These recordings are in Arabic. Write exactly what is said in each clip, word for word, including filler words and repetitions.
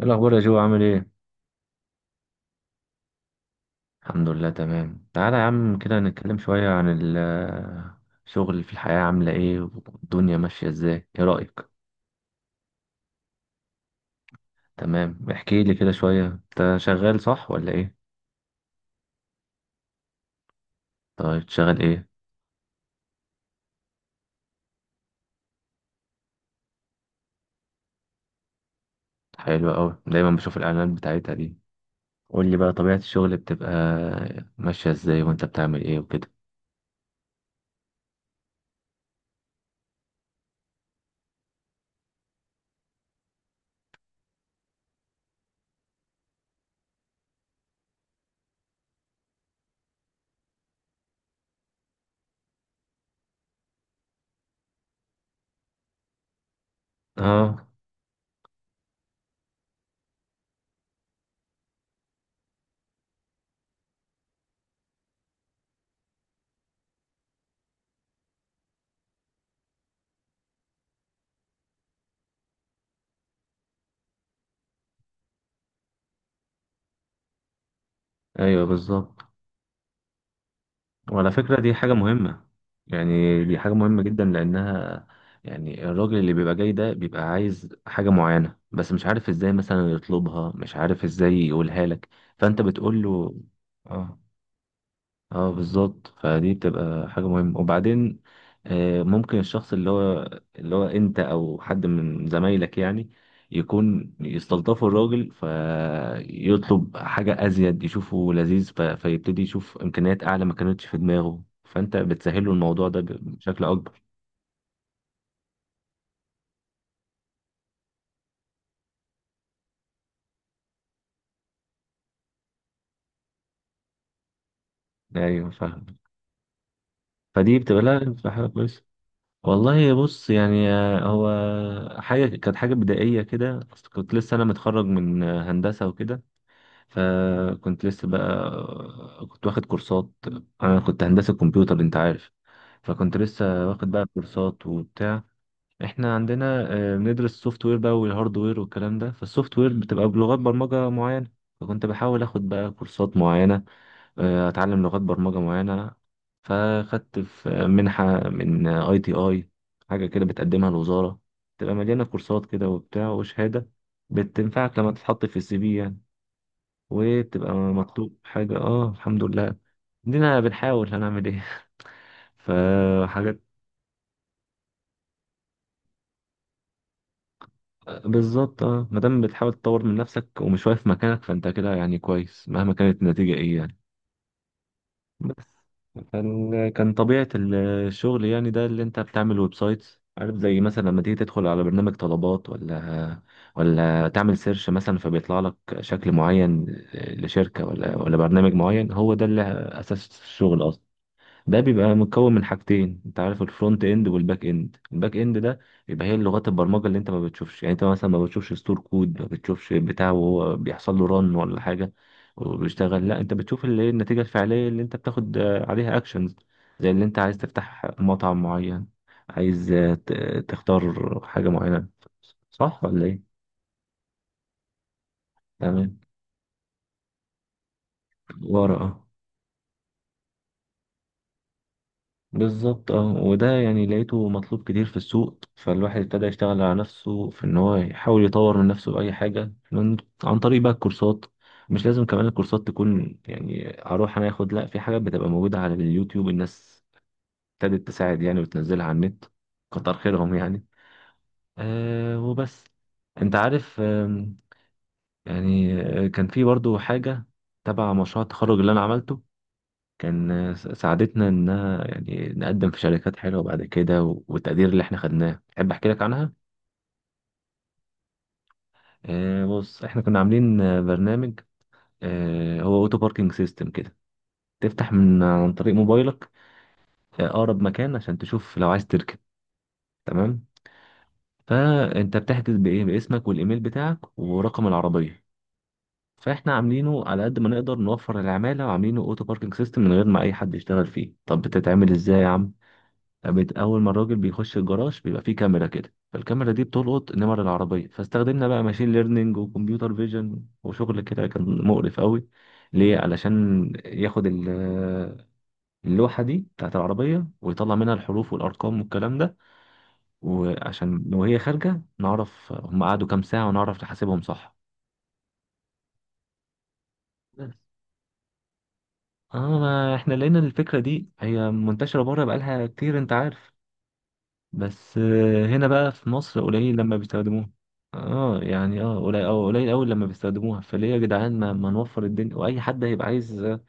ايه الاخبار يا جو؟ عامل ايه؟ الحمد لله، تمام. تعالى يا عم كده نتكلم شويه عن الشغل في الحياه عامله ايه والدنيا ماشيه ازاي، ايه رايك؟ تمام، احكي لي كده شويه، انت شغال صح ولا ايه؟ طيب، شغال ايه؟ حلو قوي، دايما بشوف الاعلانات بتاعتها دي. قول لي بقى، طبيعه الشغل بتبقى ماشيه ازاي، وانت بتعمل ايه وكده؟ اه. ايوه بالظبط. وعلى فكرة دي حاجة مهمة، يعني دي حاجة مهمة جدا لأنها، يعني الراجل اللي بيبقى جاي ده بيبقى عايز حاجة معينة بس مش عارف ازاي مثلا يطلبها، مش عارف ازاي يقولها لك. فأنت بتقول له. اه. اه بالظبط، فدي بتبقى حاجة مهمة. وبعدين آه، ممكن الشخص اللي هو، اللي هو انت او حد من زمايلك يعني، يكون يستلطفوا الراجل فيطلب حاجة ازيد، يشوفه لذيذ، ف- فيبتدي يشوف امكانيات اعلى ما كانتش في دماغه، فانت بتسهله الموضوع ده بشكل اكبر. ايوه فاهم. فدي بتبقى، لا بتبقى حاجة كويسة. والله بص يعني، آه، هو حاجة كانت حاجة بدائية كده. أصل كنت لسه انا متخرج من آه، هندسة وكده، فكنت لسه بقى كنت واخد كورسات. انا كنت هندسة كمبيوتر انت عارف، فكنت لسه واخد بقى كورسات وبتاع. احنا عندنا آه، بندرس السوفت وير بقى والهارد وير والكلام ده، فالسوفت وير بتبقى بلغات برمجة معينة. فكنت بحاول اخد بقى كورسات معينة، آه، اتعلم لغات برمجة معينة. فاخدت في منحة من اي تي اي، حاجة كده بتقدمها الوزارة، تبقى مليانة كورسات كده وبتاع وشهادة بتنفعك لما تتحط في السي في يعني، وبتبقى مطلوب حاجة. اه الحمد لله. دينا بنحاول، هنعمل ايه فحاجات. بالظبط اه، مادام بتحاول تطور من نفسك ومش واقف مكانك، فانت كده يعني كويس مهما كانت النتيجة ايه يعني. بس، كان كان طبيعة الشغل يعني ده اللي انت بتعمل ويب سايتس عارف، زي مثلا لما تيجي تدخل على برنامج طلبات، ولا ولا تعمل سيرش مثلا، فبيطلع لك شكل معين لشركة، ولا ولا برنامج معين. هو ده اللي أساس الشغل أصلا. ده بيبقى متكون من حاجتين انت عارف، الفرونت اند والباك اند. الباك اند ده يبقى هي لغات البرمجه اللي انت ما بتشوفش، يعني انت مثلا ما بتشوفش ستور كود، ما بتشوفش بتاع وهو بيحصل له رن ولا حاجه وبيشتغل، لا انت بتشوف اللي هي النتيجه الفعليه اللي انت بتاخد آه، عليها اكشنز. زي اللي انت عايز تفتح مطعم معين، عايز آه، ت- تختار حاجه معينه، صح ولا ايه؟ تمام. ورا، اه بالظبط. اه وده يعني لقيته مطلوب كتير في السوق، فالواحد ابتدى يشتغل على نفسه في ان هو يحاول يطور من نفسه بأي حاجة، من عن طريق بقى الكورسات. مش لازم كمان الكورسات تكون يعني هروح انا اخد، لا، في حاجات بتبقى موجودة على اليوتيوب، الناس ابتدت تساعد يعني وتنزلها على النت، كتر خيرهم يعني. أه وبس. انت عارف آم، يعني آه، كان في برضو حاجة تبع مشروع التخرج اللي انا عملته، كان س- ساعدتنا إنها يعني نقدم في شركات حلوة بعد كده، و- والتقدير اللي إحنا خدناه. تحب أحكي لك عنها؟ آه بص، إحنا كنا عاملين آه، برنامج، آه هو أوتو باركينج سيستم كده، تفتح من عن طريق موبايلك آه، أقرب مكان عشان تشوف لو عايز تركب، تمام؟ فأنت بتحجز بإيه؟ باسمك والإيميل بتاعك ورقم العربية. فاحنا عاملينه على قد ما نقدر نوفر العمالة، وعاملينه اوتو باركينج سيستم من غير ما اي حد يشتغل فيه. طب بتتعمل ازاي يا عم؟ بت- اول ما الراجل بيخش الجراج بيبقى فيه كاميرا كده، فالكاميرا دي بتلقط نمر العربيه، فاستخدمنا بقى ماشين ليرنينج وكمبيوتر فيجن وشغل كده كان مقرف قوي، ليه؟ علشان ياخد ال- اللوحه دي بتاعت العربيه ويطلع منها الحروف والارقام والكلام ده، وعشان لو هي خارجه نعرف هم قعدوا كام ساعه ونعرف نحاسبهم صح. بس. اه ما احنا لقينا الفكره دي هي منتشره بره بقالها كتير انت عارف، بس آه، هنا بقى في مصر قليل لما بيستخدموها. اه يعني، اه قليل، اه قليل قوي لما بيستخدموها. فليه يا جدعان ما, ما نوفر الدنيا؟ واي حد هيبقى عايز آه،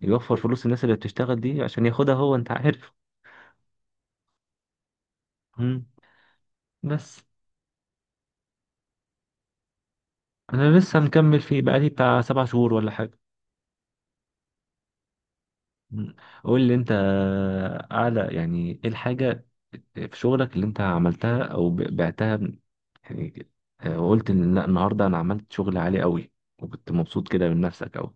يوفر فلوس الناس اللي بتشتغل دي عشان ياخدها هو، انت عارف. مم. بس. انا لسه مكمل فيه بقالي بتاع سبع شهور ولا حاجه. مم. قول لي انت آه، اعلى يعني ايه الحاجه في شغلك اللي انت عملتها، او ب- بعتها من، يعني آه، وقلت ان لا النهارده انا عملت شغل عالي قوي، وكنت مبسوط كده من نفسك قوي.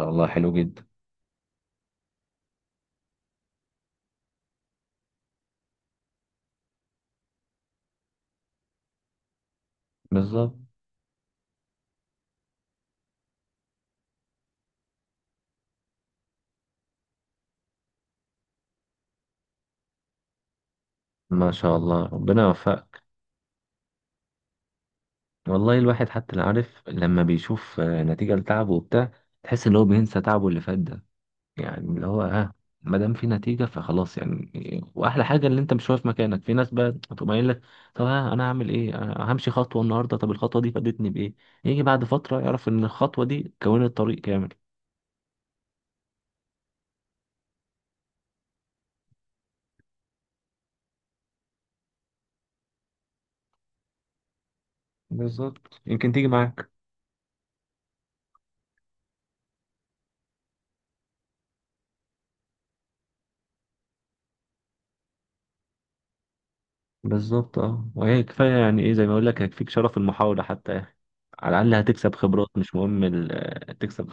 الله حلو جدا. بالظبط. ما شاء الله، ربنا يوفقك. والله الواحد حتى لا عارف، لما بيشوف آه، نتيجة لتعبه وبتاع، تحس ان هو بينسى تعبه اللي فات ده، يعني اللي هو اه، ما دام في نتيجة فخلاص يعني. واحلى حاجة ان انت مش واقف مكانك. في ناس بقى تقوم قايل لك طب ها انا هعمل ايه، أنا همشي خطوة النهاردة، طب الخطوة دي فادتني بايه؟ يجي بعد فترة يعرف ان الخطوة دي كونت طريق كامل. بالظبط، يمكن تيجي معاك. بالظبط اه، وهي كفايه يعني، ايه زي ما اقول لك، هيكفيك شرف المحاوله حتى يا اخي. على الاقل هتكسب خبرات، مش مهم ال- آه، تكسب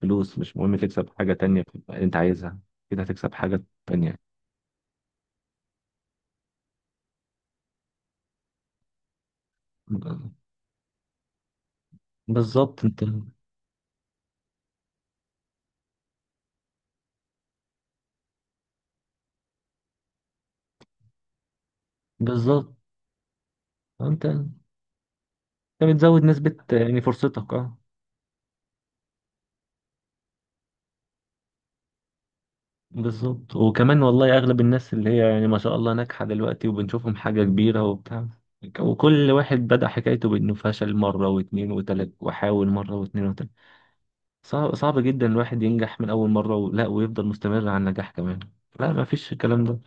فلوس، مش مهم تكسب حاجه تانية في- انت عايزها، كده هتكسب حاجه تانية. بالظبط انت. بالظبط. انت انت بتزود نسبه يعني، فرصتك اه. بالظبط. وكمان والله اغلب الناس اللي هي يعني ما شاء الله ناجحه دلوقتي وبنشوفهم حاجه كبيره وبتاع، وكل واحد بدأ حكايته بأنه فشل مرة واتنين وتلات، وحاول مرة واتنين وتلات. صعب صعب جدا الواحد ينجح من أول مرة، ولا ويفضل مستمر على النجاح كمان، لا ما فيش الكلام ده.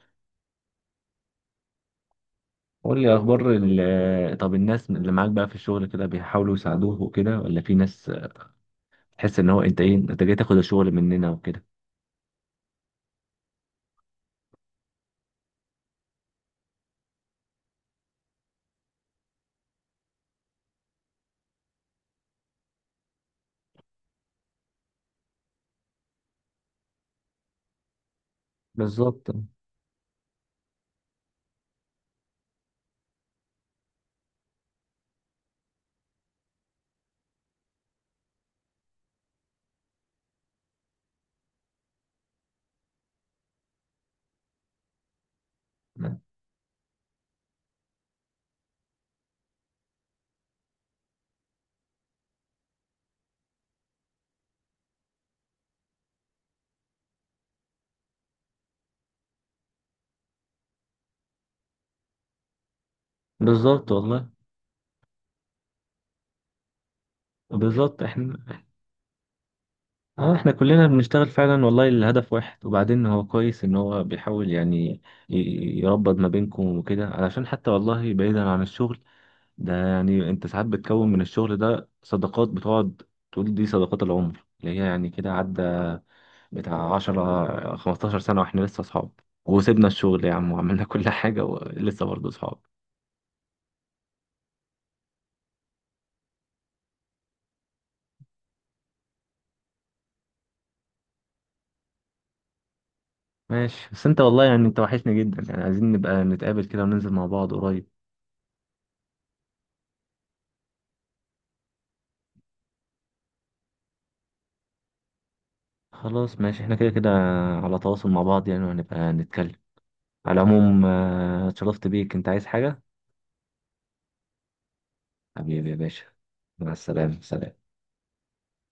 قول لي أخبار ال- طب الناس اللي معاك بقى في الشغل كده بيحاولوا يساعدوه وكده، ولا في ناس تحس إن هو أنت إيه، أنت جاي تاخد الشغل مننا وكده؟ بالظبط. بالظبط والله. بالظبط. احنا اه، احنا كلنا بنشتغل فعلا والله، الهدف واحد، وبعدين هو كويس ان هو بيحاول يعني ي- يربط ما بينكم وكده، علشان حتى والله بعيدا عن الشغل ده، يعني انت ساعات بتكون من الشغل ده صداقات، بتقعد تقول دي صداقات العمر، اللي هي يعني كده، عدى بتاع عشرة خمستاشر سنة سنة واحنا لسه اصحاب، وسيبنا الشغل يا عم وعملنا كل حاجة ولسه برضه اصحاب. ماشي. بس انت والله يعني انت وحشني جدا، يعني عايزين نبقى نتقابل كده وننزل مع بعض قريب. خلاص ماشي، احنا كده كده على تواصل مع بعض يعني، وهنبقى نتكلم. على العموم آه، اتشرفت بيك، انت عايز حاجة؟ حبيبي يا باشا. مع السلامة، سلام.